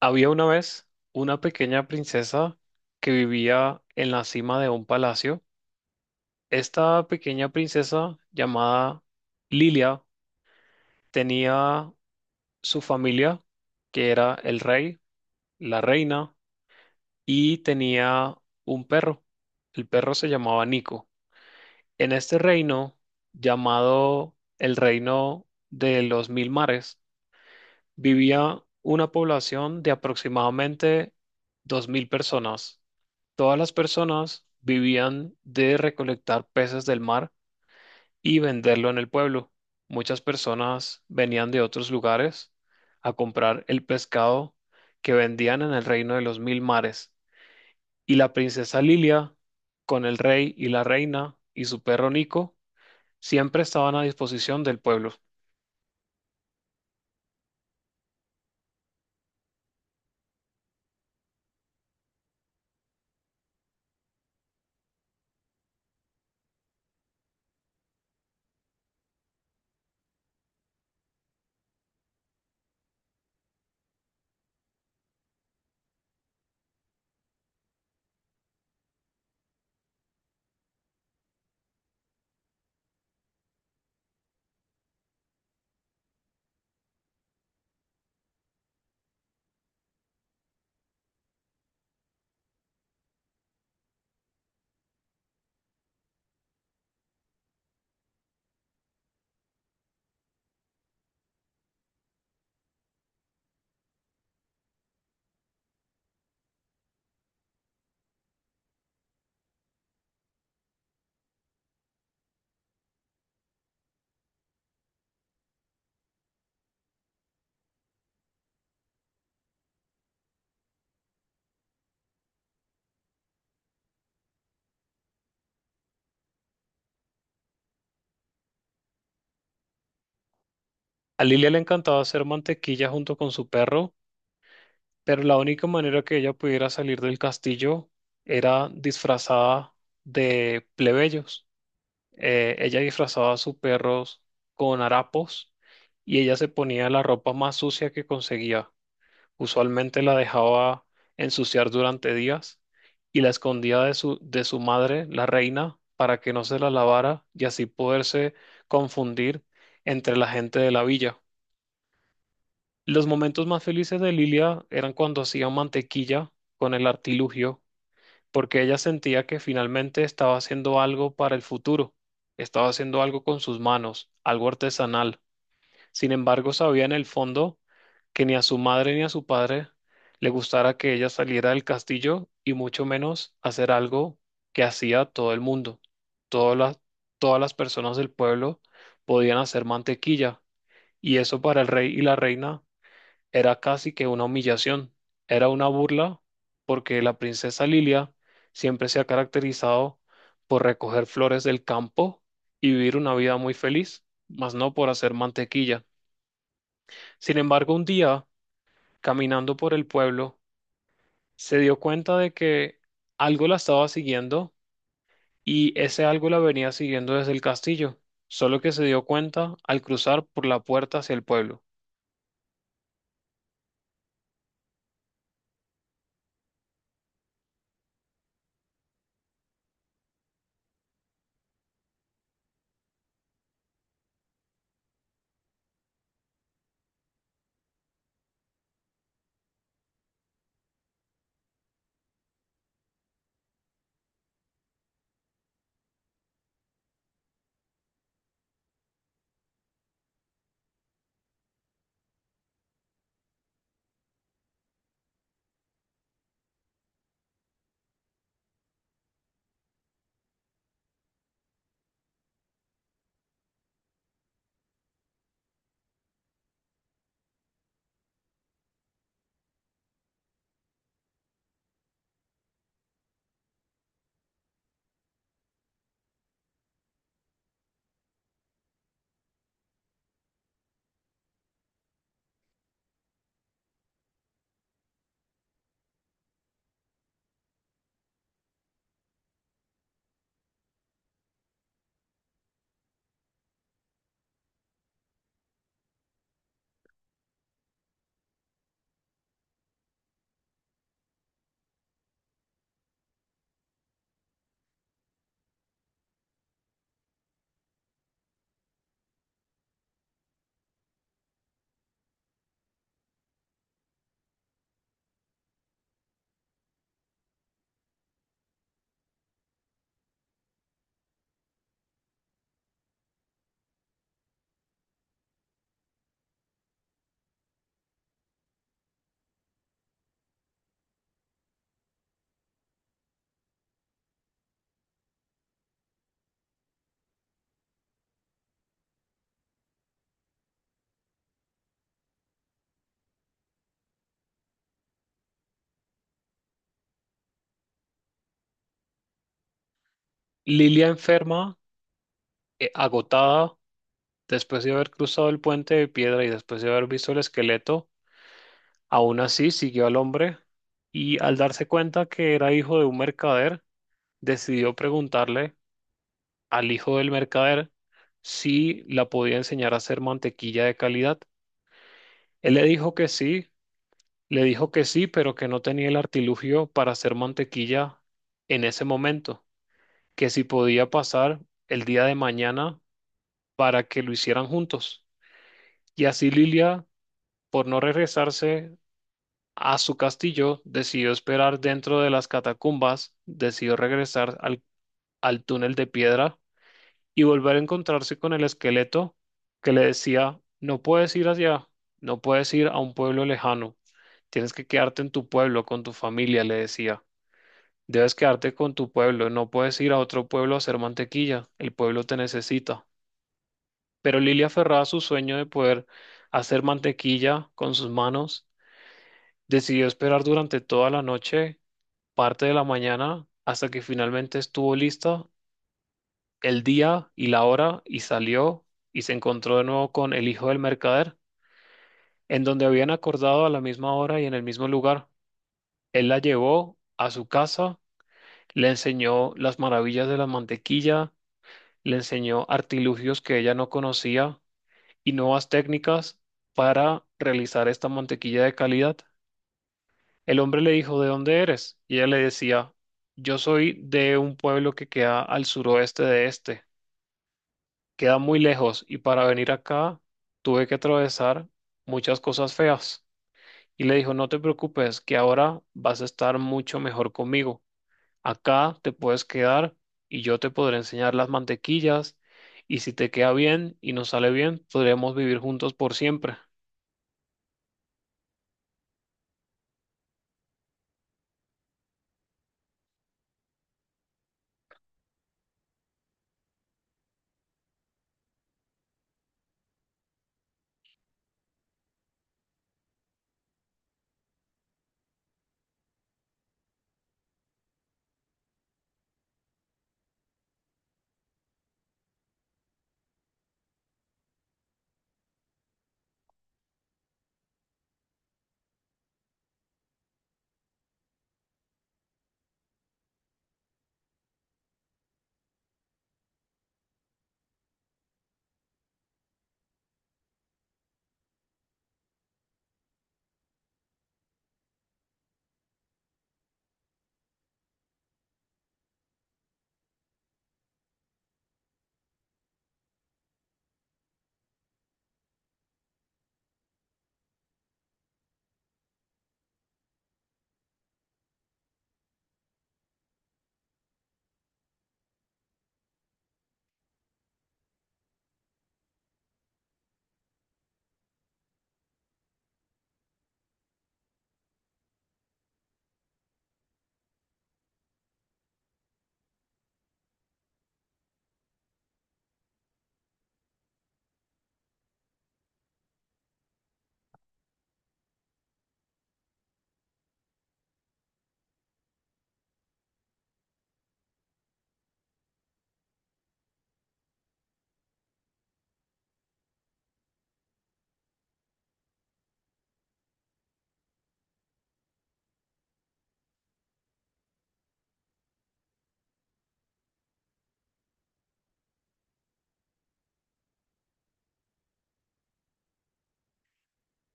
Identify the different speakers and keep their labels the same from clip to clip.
Speaker 1: Había una vez una pequeña princesa que vivía en la cima de un palacio. Esta pequeña princesa llamada Lilia tenía su familia, que era el rey, la reina, y tenía un perro. El perro se llamaba Nico. En este reino, llamado el reino de los mil mares, vivía una población de aproximadamente 2000 personas. Todas las personas vivían de recolectar peces del mar y venderlo en el pueblo. Muchas personas venían de otros lugares a comprar el pescado que vendían en el reino de los mil mares. Y la princesa Lilia, con el rey y la reina y su perro Nico, siempre estaban a disposición del pueblo. A Lilia le encantaba hacer mantequilla junto con su perro, pero la única manera que ella pudiera salir del castillo era disfrazada de plebeyos. Ella disfrazaba a sus perros con harapos y ella se ponía la ropa más sucia que conseguía. Usualmente la dejaba ensuciar durante días y la escondía de su madre, la reina, para que no se la lavara y así poderse confundir entre la gente de la villa. Los momentos más felices de Lilia eran cuando hacía mantequilla con el artilugio, porque ella sentía que finalmente estaba haciendo algo para el futuro, estaba haciendo algo con sus manos, algo artesanal. Sin embargo, sabía en el fondo que ni a su madre ni a su padre le gustara que ella saliera del castillo, y mucho menos hacer algo que hacía todo el mundo. Todas las, todas las personas del pueblo podían hacer mantequilla, y eso para el rey y la reina era casi que una humillación, era una burla, porque la princesa Lilia siempre se ha caracterizado por recoger flores del campo y vivir una vida muy feliz, mas no por hacer mantequilla. Sin embargo, un día, caminando por el pueblo, se dio cuenta de que algo la estaba siguiendo, y ese algo la venía siguiendo desde el castillo, solo que se dio cuenta al cruzar por la puerta hacia el pueblo. Lilia enferma, agotada, después de haber cruzado el puente de piedra y después de haber visto el esqueleto, aún así siguió al hombre, y al darse cuenta que era hijo de un mercader, decidió preguntarle al hijo del mercader si la podía enseñar a hacer mantequilla de calidad. Él le dijo que sí, le dijo que sí, pero que no tenía el artilugio para hacer mantequilla en ese momento, que si podía pasar el día de mañana para que lo hicieran juntos. Y así Lilia, por no regresarse a su castillo, decidió esperar dentro de las catacumbas, decidió regresar al túnel de piedra y volver a encontrarse con el esqueleto, que le decía: no puedes ir allá, no puedes ir a un pueblo lejano, tienes que quedarte en tu pueblo, con tu familia, le decía. Debes quedarte con tu pueblo, no puedes ir a otro pueblo a hacer mantequilla, el pueblo te necesita. Pero Lilia, aferrada a su sueño de poder hacer mantequilla con sus manos, decidió esperar durante toda la noche, parte de la mañana, hasta que finalmente estuvo lista el día y la hora, y salió y se encontró de nuevo con el hijo del mercader, en donde habían acordado, a la misma hora y en el mismo lugar. Él la llevó a su casa, le enseñó las maravillas de la mantequilla, le enseñó artilugios que ella no conocía y nuevas técnicas para realizar esta mantequilla de calidad. El hombre le dijo: ¿de dónde eres? Y ella le decía: yo soy de un pueblo que queda al suroeste de este, queda muy lejos y para venir acá tuve que atravesar muchas cosas feas. Y le dijo: no te preocupes, que ahora vas a estar mucho mejor conmigo. Acá te puedes quedar y yo te podré enseñar las mantequillas, y si te queda bien y nos sale bien, podremos vivir juntos por siempre.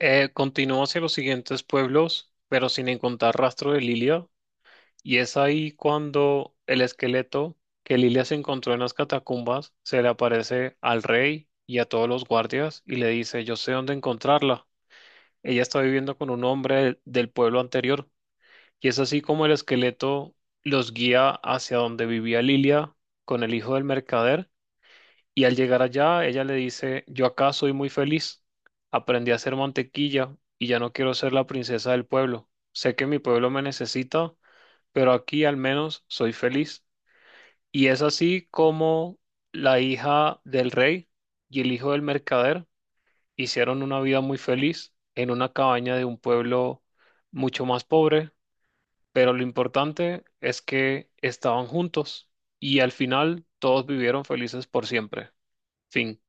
Speaker 1: Continuó hacia los siguientes pueblos, pero sin encontrar rastro de Lilia. Y es ahí cuando el esqueleto que Lilia se encontró en las catacumbas se le aparece al rey y a todos los guardias y le dice: yo sé dónde encontrarla. Ella está viviendo con un hombre del pueblo anterior. Y es así como el esqueleto los guía hacia donde vivía Lilia con el hijo del mercader. Y al llegar allá, ella le dice: yo acá soy muy feliz. Aprendí a hacer mantequilla y ya no quiero ser la princesa del pueblo. Sé que mi pueblo me necesita, pero aquí al menos soy feliz. Y es así como la hija del rey y el hijo del mercader hicieron una vida muy feliz en una cabaña de un pueblo mucho más pobre, pero lo importante es que estaban juntos, y al final todos vivieron felices por siempre. Fin.